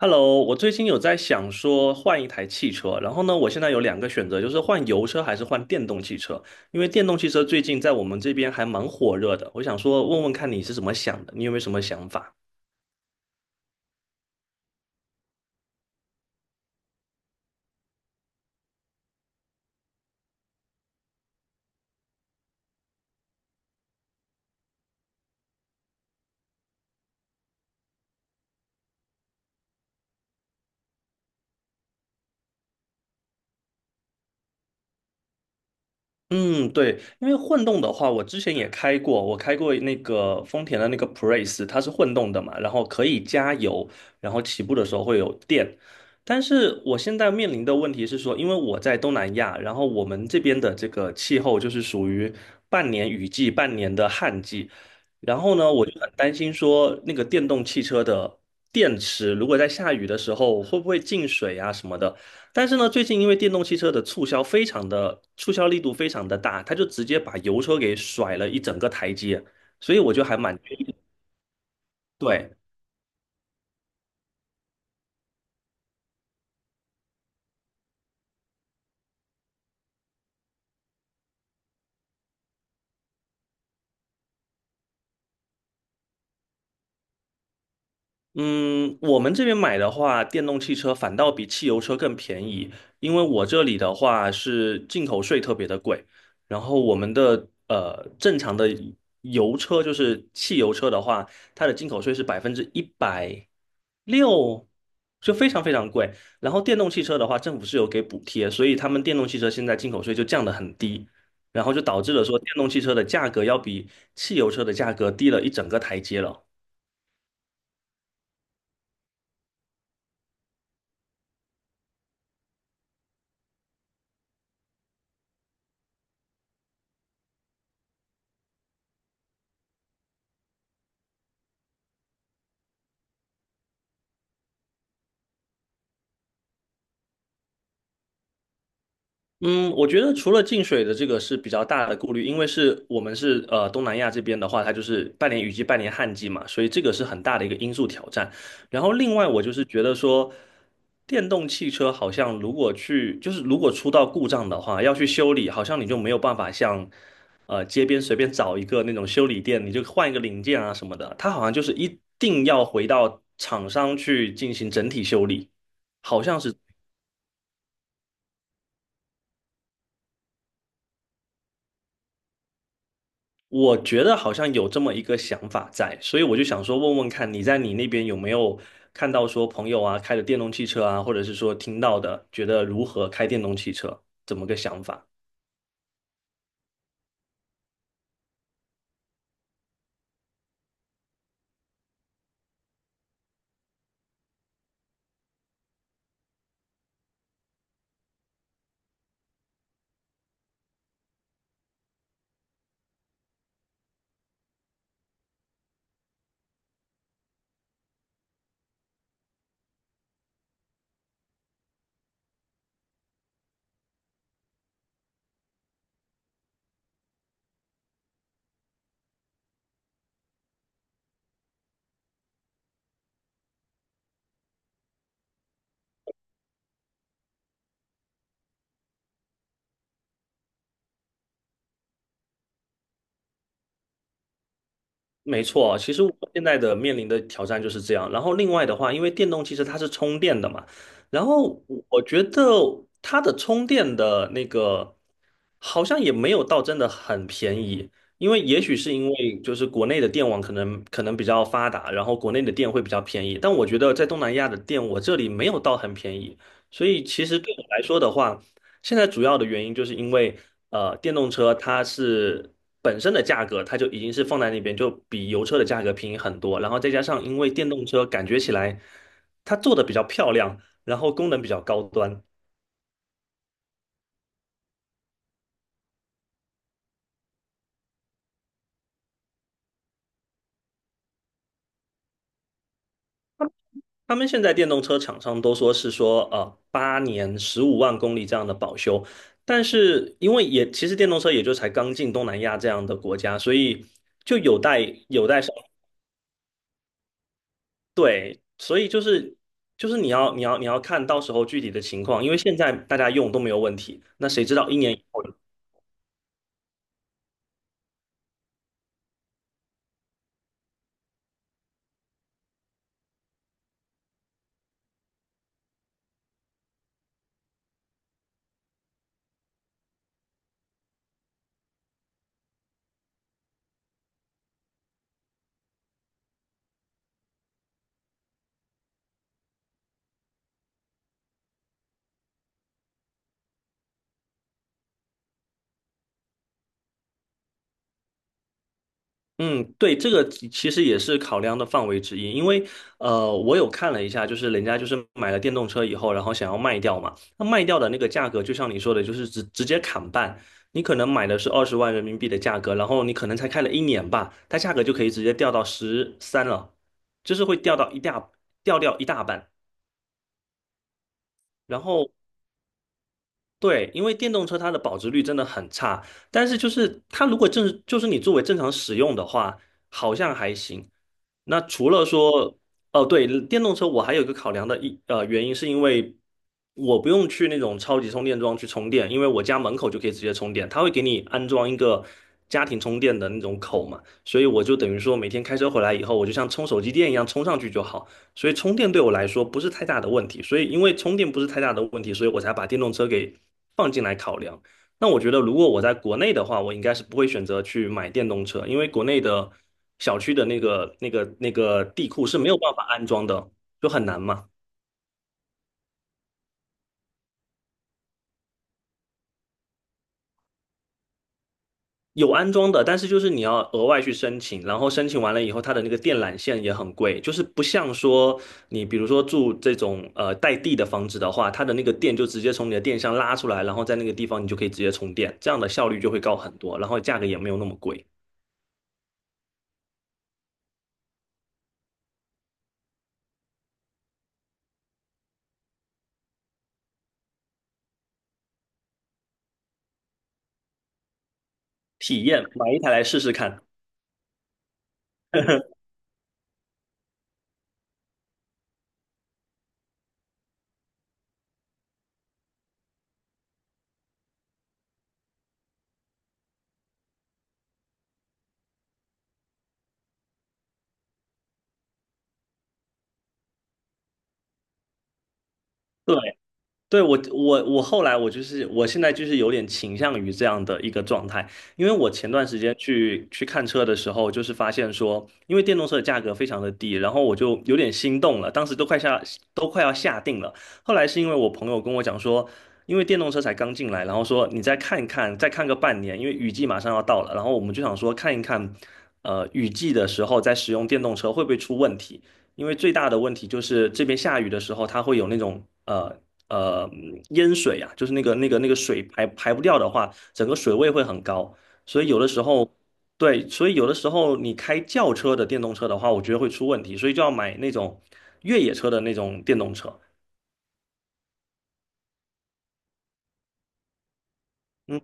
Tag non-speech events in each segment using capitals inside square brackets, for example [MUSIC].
Hello，我最近有在想说换一台汽车，然后呢，我现在有两个选择，就是换油车还是换电动汽车。因为电动汽车最近在我们这边还蛮火热的，我想说问问看你是怎么想的，你有没有什么想法？嗯，对，因为混动的话，我之前也开过，我开过那个丰田的那个普锐斯，它是混动的嘛，然后可以加油，然后起步的时候会有电。但是我现在面临的问题是说，因为我在东南亚，然后我们这边的这个气候就是属于半年雨季，半年的旱季，然后呢，我就很担心说那个电动汽车的电池如果在下雨的时候会不会进水啊什么的。但是呢，最近因为电动汽车的促销力度非常的大，它就直接把油车给甩了一整个台阶，所以我就还蛮。对。嗯，我们这边买的话，电动汽车反倒比汽油车更便宜，因为我这里的话是进口税特别的贵，然后我们的正常的油车就是汽油车的话，它的进口税是106%，就非常非常贵。然后电动汽车的话，政府是有给补贴，所以他们电动汽车现在进口税就降得很低，然后就导致了说电动汽车的价格要比汽油车的价格低了一整个台阶了。嗯，我觉得除了进水的这个是比较大的顾虑，因为是我们是东南亚这边的话，它就是半年雨季、半年旱季嘛，所以这个是很大的一个因素挑战。然后另外我就是觉得说，电动汽车好像如果去就是如果出到故障的话，要去修理，好像你就没有办法像街边随便找一个那种修理店，你就换一个零件啊什么的，它好像就是一定要回到厂商去进行整体修理，好像是。我觉得好像有这么一个想法在，所以我就想说问问看，你在你那边有没有看到说朋友啊开的电动汽车啊，或者是说听到的，觉得如何开电动汽车，怎么个想法？没错，其实我现在的面临的挑战就是这样。然后另外的话，因为电动汽车它是充电的嘛，然后我觉得它的充电的那个好像也没有到真的很便宜，因为也许是因为就是国内的电网可能比较发达，然后国内的电会比较便宜，但我觉得在东南亚的电我这里没有到很便宜，所以其实对我来说的话，现在主要的原因就是因为电动车它是。本身的价格它就已经是放在那边，就比油车的价格便宜很多。然后再加上因为电动车感觉起来它做的比较漂亮，然后功能比较高端。他们现在电动车厂商都说8年15万公里这样的保修，但是因为也其实电动车也就才刚进东南亚这样的国家，所以就有待对，所以就是你要看到时候具体的情况，因为现在大家用都没有问题，那谁知道一年以后？嗯，对，这个其实也是考量的范围之一，因为我有看了一下，就是人家就是买了电动车以后，然后想要卖掉嘛，那卖掉的那个价格，就像你说的，就是直接砍半，你可能买的是20万人民币的价格，然后你可能才开了一年吧，它价格就可以直接掉到13了，就是会掉到一大半，然后。对，因为电动车它的保值率真的很差，但是就是它如果正就是你作为正常使用的话，好像还行。那除了说，哦，对，电动车我还有一个考量的原因，是因为我不用去那种超级充电桩去充电，因为我家门口就可以直接充电，它会给你安装一个家庭充电的那种口嘛，所以我就等于说每天开车回来以后，我就像充手机电一样充上去就好，所以充电对我来说不是太大的问题，所以因为充电不是太大的问题，所以我才把电动车给放进来考量。那我觉得，如果我在国内的话，我应该是不会选择去买电动车，因为国内的小区的那个地库是没有办法安装的，就很难嘛。有安装的，但是就是你要额外去申请，然后申请完了以后，它的那个电缆线也很贵，就是不像说你比如说住这种带地的房子的话，它的那个电就直接从你的电箱拉出来，然后在那个地方你就可以直接充电，这样的效率就会高很多，然后价格也没有那么贵。体验，买一台来试试看。[LAUGHS] 对。对，我后来我现在就是有点倾向于这样的一个状态，因为我前段时间去看车的时候，就是发现说，因为电动车的价格非常的低，然后我就有点心动了，当时都快下都快要下定了。后来是因为我朋友跟我讲说，因为电动车才刚进来，然后说你再看一看，再看个半年，因为雨季马上要到了，然后我们就想说看一看，雨季的时候再使用电动车会不会出问题。因为最大的问题就是这边下雨的时候，它会有那种呃淹水啊，就是那个水排不掉的话，整个水位会很高。所以有的时候，对，所以有的时候你开轿车的电动车的话，我觉得会出问题，所以就要买那种越野车的那种电动车。嗯，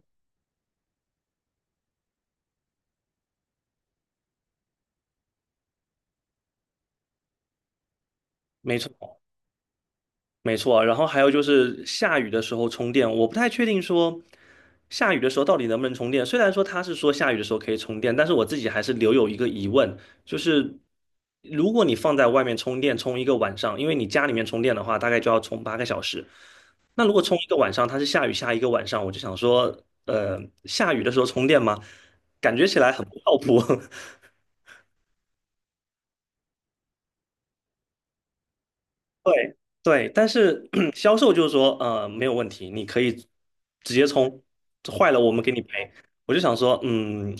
没错。没错啊，然后还有就是下雨的时候充电，我不太确定说下雨的时候到底能不能充电。虽然说他是说下雨的时候可以充电，但是我自己还是留有一个疑问，就是如果你放在外面充电充一个晚上，因为你家里面充电的话，大概就要充8个小时。那如果充一个晚上，它是下雨下一个晚上，我就想说，呃，下雨的时候充电吗？感觉起来很不靠谱。[LAUGHS] 对对，但是 [CLEARS THROAT] 销售就是说，没有问题，你可以直接充，坏了我们给你赔。我就想说，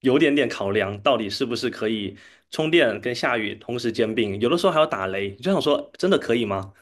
有点点考量，到底是不是可以充电跟下雨同时兼并，有的时候还要打雷，就想说，真的可以吗？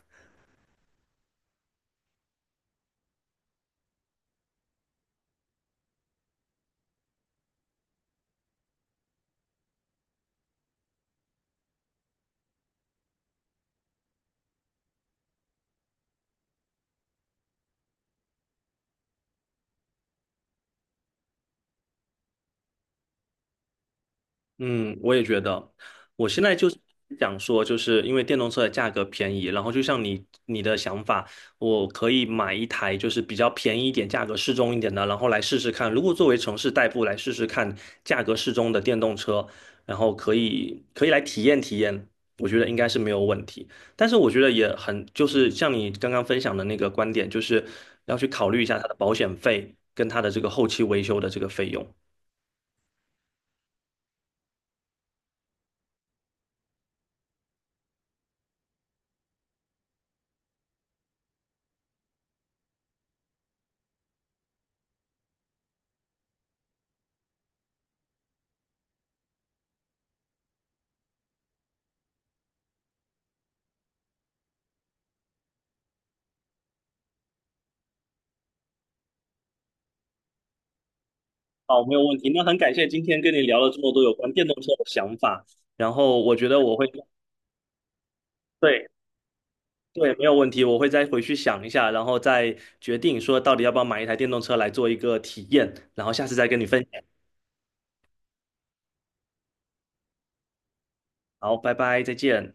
嗯，我也觉得，我现在就是想说，就是因为电动车的价格便宜，然后就像你的想法，我可以买一台就是比较便宜一点、价格适中一点的，然后来试试看。如果作为城市代步来试试看，价格适中的电动车，然后可以来体验体验，我觉得应该是没有问题。但是我觉得也很，就是像你刚刚分享的那个观点，就是要去考虑一下它的保险费跟它的这个后期维修的这个费用。好，没有问题。那很感谢今天跟你聊了这么多有关电动车的想法，然后我觉得我会，对对，没有问题，我会再回去想一下，然后再决定说到底要不要买一台电动车来做一个体验，然后下次再跟你分享。好，拜拜，再见。